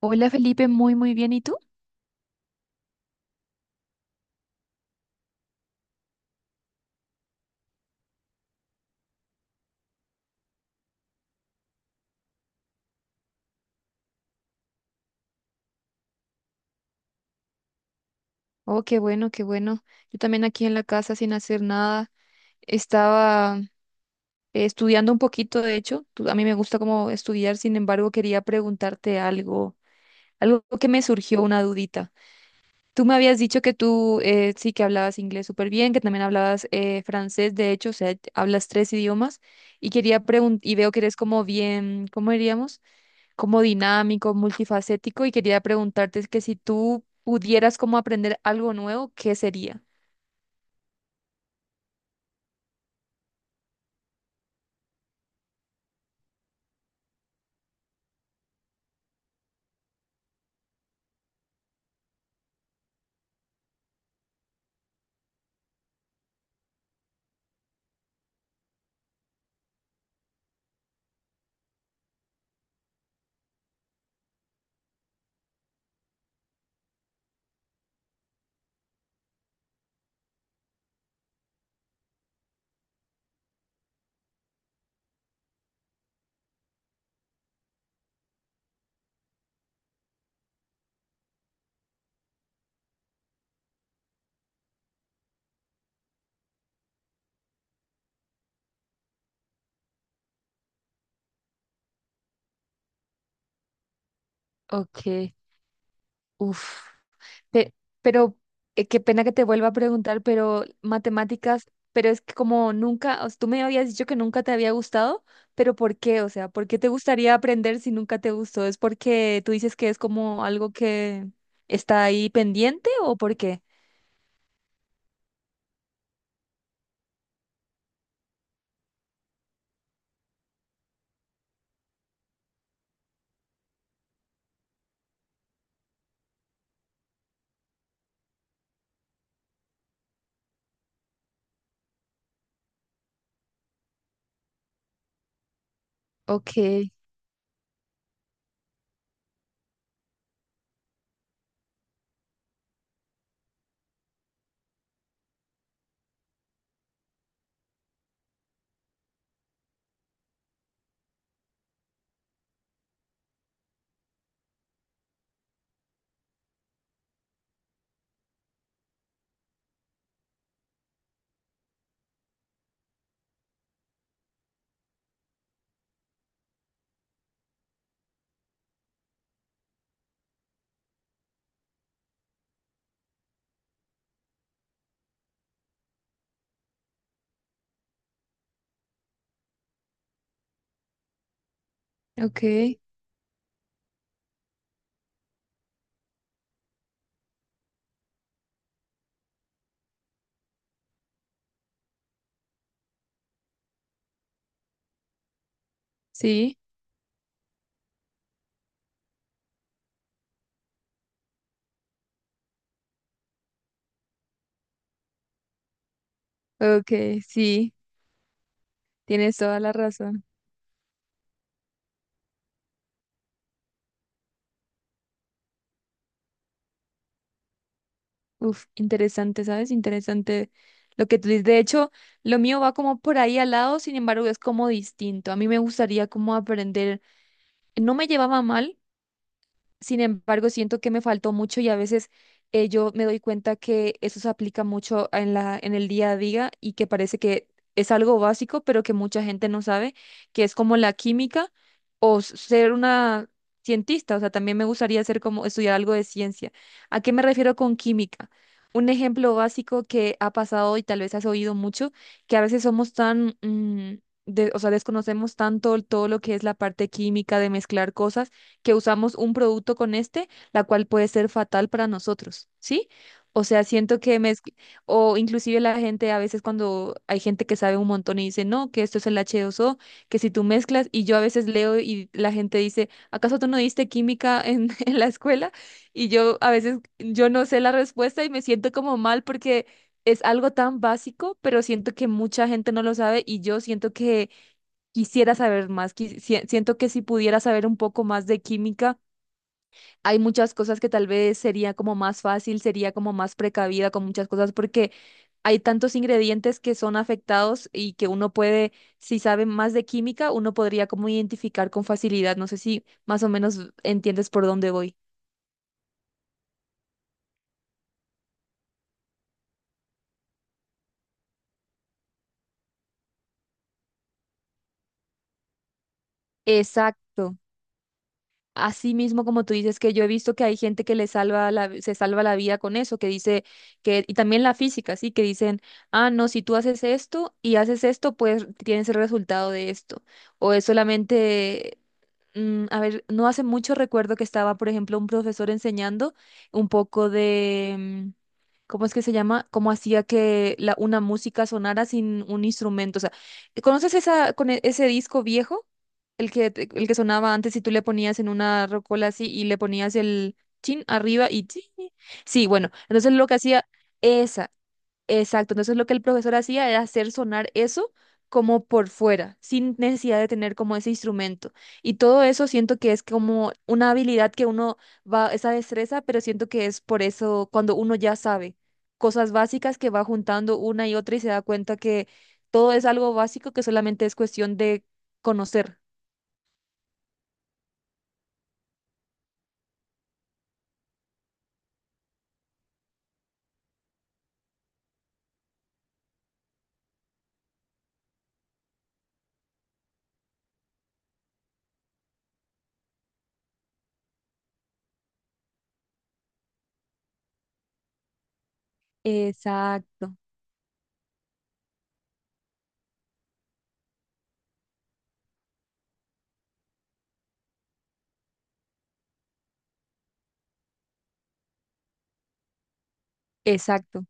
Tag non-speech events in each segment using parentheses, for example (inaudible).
Hola Felipe, muy muy bien. ¿Y tú? Oh, qué bueno, qué bueno. Yo también aquí en la casa sin hacer nada. Estaba estudiando un poquito, de hecho. A mí me gusta como estudiar, sin embargo, quería preguntarte algo, algo que me surgió una dudita. Tú me habías dicho que tú sí que hablabas inglés súper bien, que también hablabas francés, de hecho, o sea, hablas tres idiomas y quería preguntar, y veo que eres como bien, ¿cómo diríamos? Como dinámico, multifacético y quería preguntarte es que si tú pudieras como aprender algo nuevo, ¿qué sería? Ok, uff. Pero qué pena que te vuelva a preguntar, pero matemáticas, pero es que como nunca, o sea, tú me habías dicho que nunca te había gustado, pero ¿por qué? O sea, ¿por qué te gustaría aprender si nunca te gustó? ¿Es porque tú dices que es como algo que está ahí pendiente o por qué? Ok, ok, sí, ok, sí, tienes toda la razón. Uf, interesante, ¿sabes? Interesante lo que tú dices. De hecho, lo mío va como por ahí al lado, sin embargo, es como distinto. A mí me gustaría como aprender, no me llevaba mal, sin embargo, siento que me faltó mucho y a veces yo me doy cuenta que eso se aplica mucho en la, en el día a día y que parece que es algo básico, pero que mucha gente no sabe, que es como la química o ser una cientista. O sea, también me gustaría ser como estudiar algo de ciencia. ¿A qué me refiero con química? Un ejemplo básico que ha pasado y tal vez has oído mucho, que a veces somos tan, o sea, desconocemos tanto todo lo que es la parte química de mezclar cosas que usamos un producto con este, la cual puede ser fatal para nosotros, ¿sí? O sea, o inclusive la gente a veces cuando hay gente que sabe un montón y dice, no, que esto es el H2O, que si tú mezclas, y yo a veces leo y la gente dice, ¿acaso tú no diste química en, (laughs) en la escuela? Y yo a veces, yo no sé la respuesta y me siento como mal porque es algo tan básico, pero siento que mucha gente no lo sabe y yo siento que quisiera saber más, siento que si pudiera saber un poco más de química, hay muchas cosas que tal vez sería como más fácil, sería como más precavida con muchas cosas, porque hay tantos ingredientes que son afectados y que uno puede, si sabe más de química, uno podría como identificar con facilidad. No sé si más o menos entiendes por dónde voy. Exacto. Así mismo, como tú dices, que yo he visto que hay gente que le salva la, se salva la vida con eso, que dice que, y también la física, sí, que dicen, ah, no, si tú haces esto y haces esto, pues tienes el resultado de esto. O es solamente a ver, no hace mucho recuerdo que estaba, por ejemplo, un profesor enseñando un poco de, ¿cómo es que se llama? Cómo hacía que la, una música sonara sin un instrumento. O sea, ¿conoces esa, con ese disco viejo? El que, el que sonaba antes y tú le ponías en una rocola así y le ponías el chin arriba y chin. Sí, bueno, entonces lo que hacía... Esa, exacto, entonces lo que el profesor hacía era hacer sonar eso como por fuera, sin necesidad de tener como ese instrumento. Y todo eso siento que es como una habilidad que uno va, esa destreza, pero siento que es por eso cuando uno ya sabe cosas básicas que va juntando una y otra y se da cuenta que todo es algo básico que solamente es cuestión de conocer. Exacto, exacto.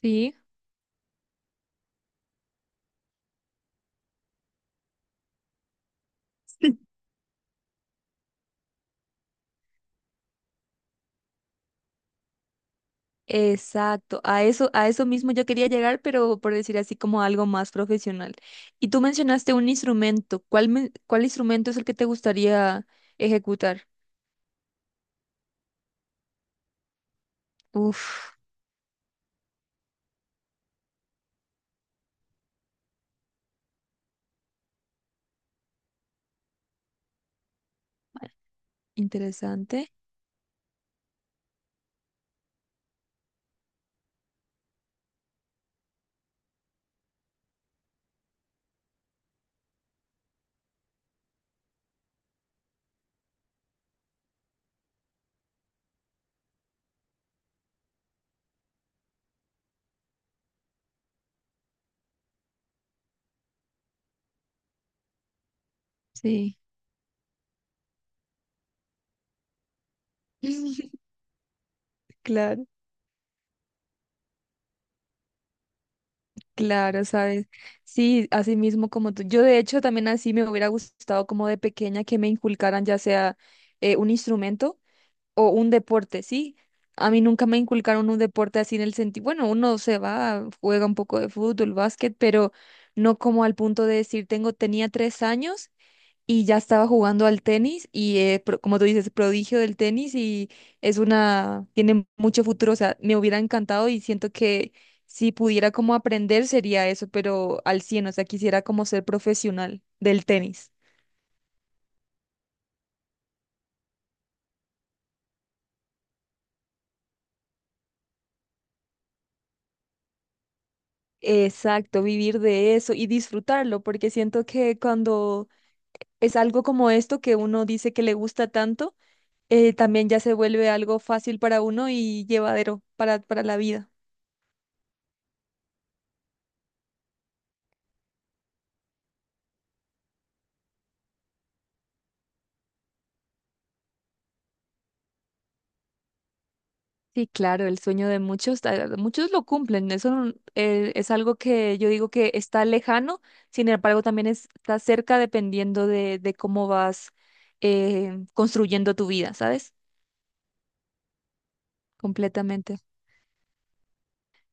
Sí. Exacto, a eso mismo yo quería llegar, pero por decir así como algo más profesional. Y tú mencionaste un instrumento. ¿Cuál, cuál instrumento es el que te gustaría ejecutar? Uf, interesante. Sí. (laughs) Claro, claro, sabes. Sí, así mismo como tú. Yo de hecho también así me hubiera gustado como de pequeña que me inculcaran ya sea un instrumento o un deporte, ¿sí? A mí nunca me inculcaron un deporte así en el sentido, bueno, uno se va, juega un poco de fútbol, básquet, pero no como al punto de decir, tengo, tenía 3 años y ya estaba jugando al tenis y como tú dices, prodigio del tenis y es una, tiene mucho futuro, o sea, me hubiera encantado y siento que si pudiera como aprender sería eso, pero al 100 o sea, quisiera como ser profesional del tenis. Exacto, vivir de eso y disfrutarlo, porque siento que cuando es algo como esto que uno dice que le gusta tanto, también ya se vuelve algo fácil para uno y llevadero para la vida. Sí, claro, el sueño de muchos, ah, muchos lo cumplen. Eso es algo que yo digo que está lejano, sin embargo, también está cerca dependiendo de cómo vas construyendo tu vida, ¿sabes? Completamente.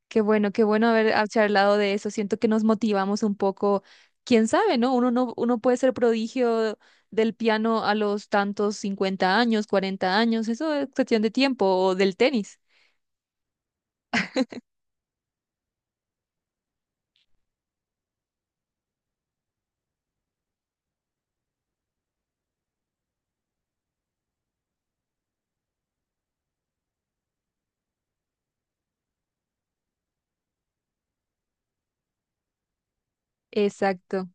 Qué bueno haber, ah, charlado de eso. Siento que nos motivamos un poco. Quién sabe, ¿no? Uno no, uno puede ser prodigio del piano a los tantos 50 años, 40 años. Eso es cuestión de tiempo o del tenis. Exacto.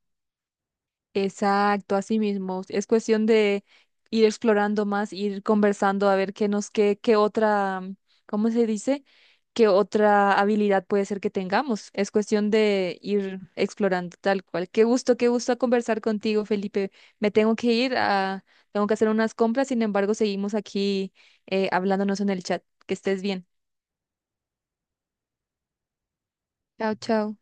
Exacto, así mismo. Es cuestión de ir explorando más, ir conversando a ver qué nos, qué, qué otra, ¿cómo se dice? ¿Qué otra habilidad puede ser que tengamos? Es cuestión de ir explorando tal cual. Qué gusto conversar contigo, Felipe. Me tengo que ir a, tengo que hacer unas compras, sin embargo, seguimos aquí hablándonos en el chat. Que estés bien. Chao, chao.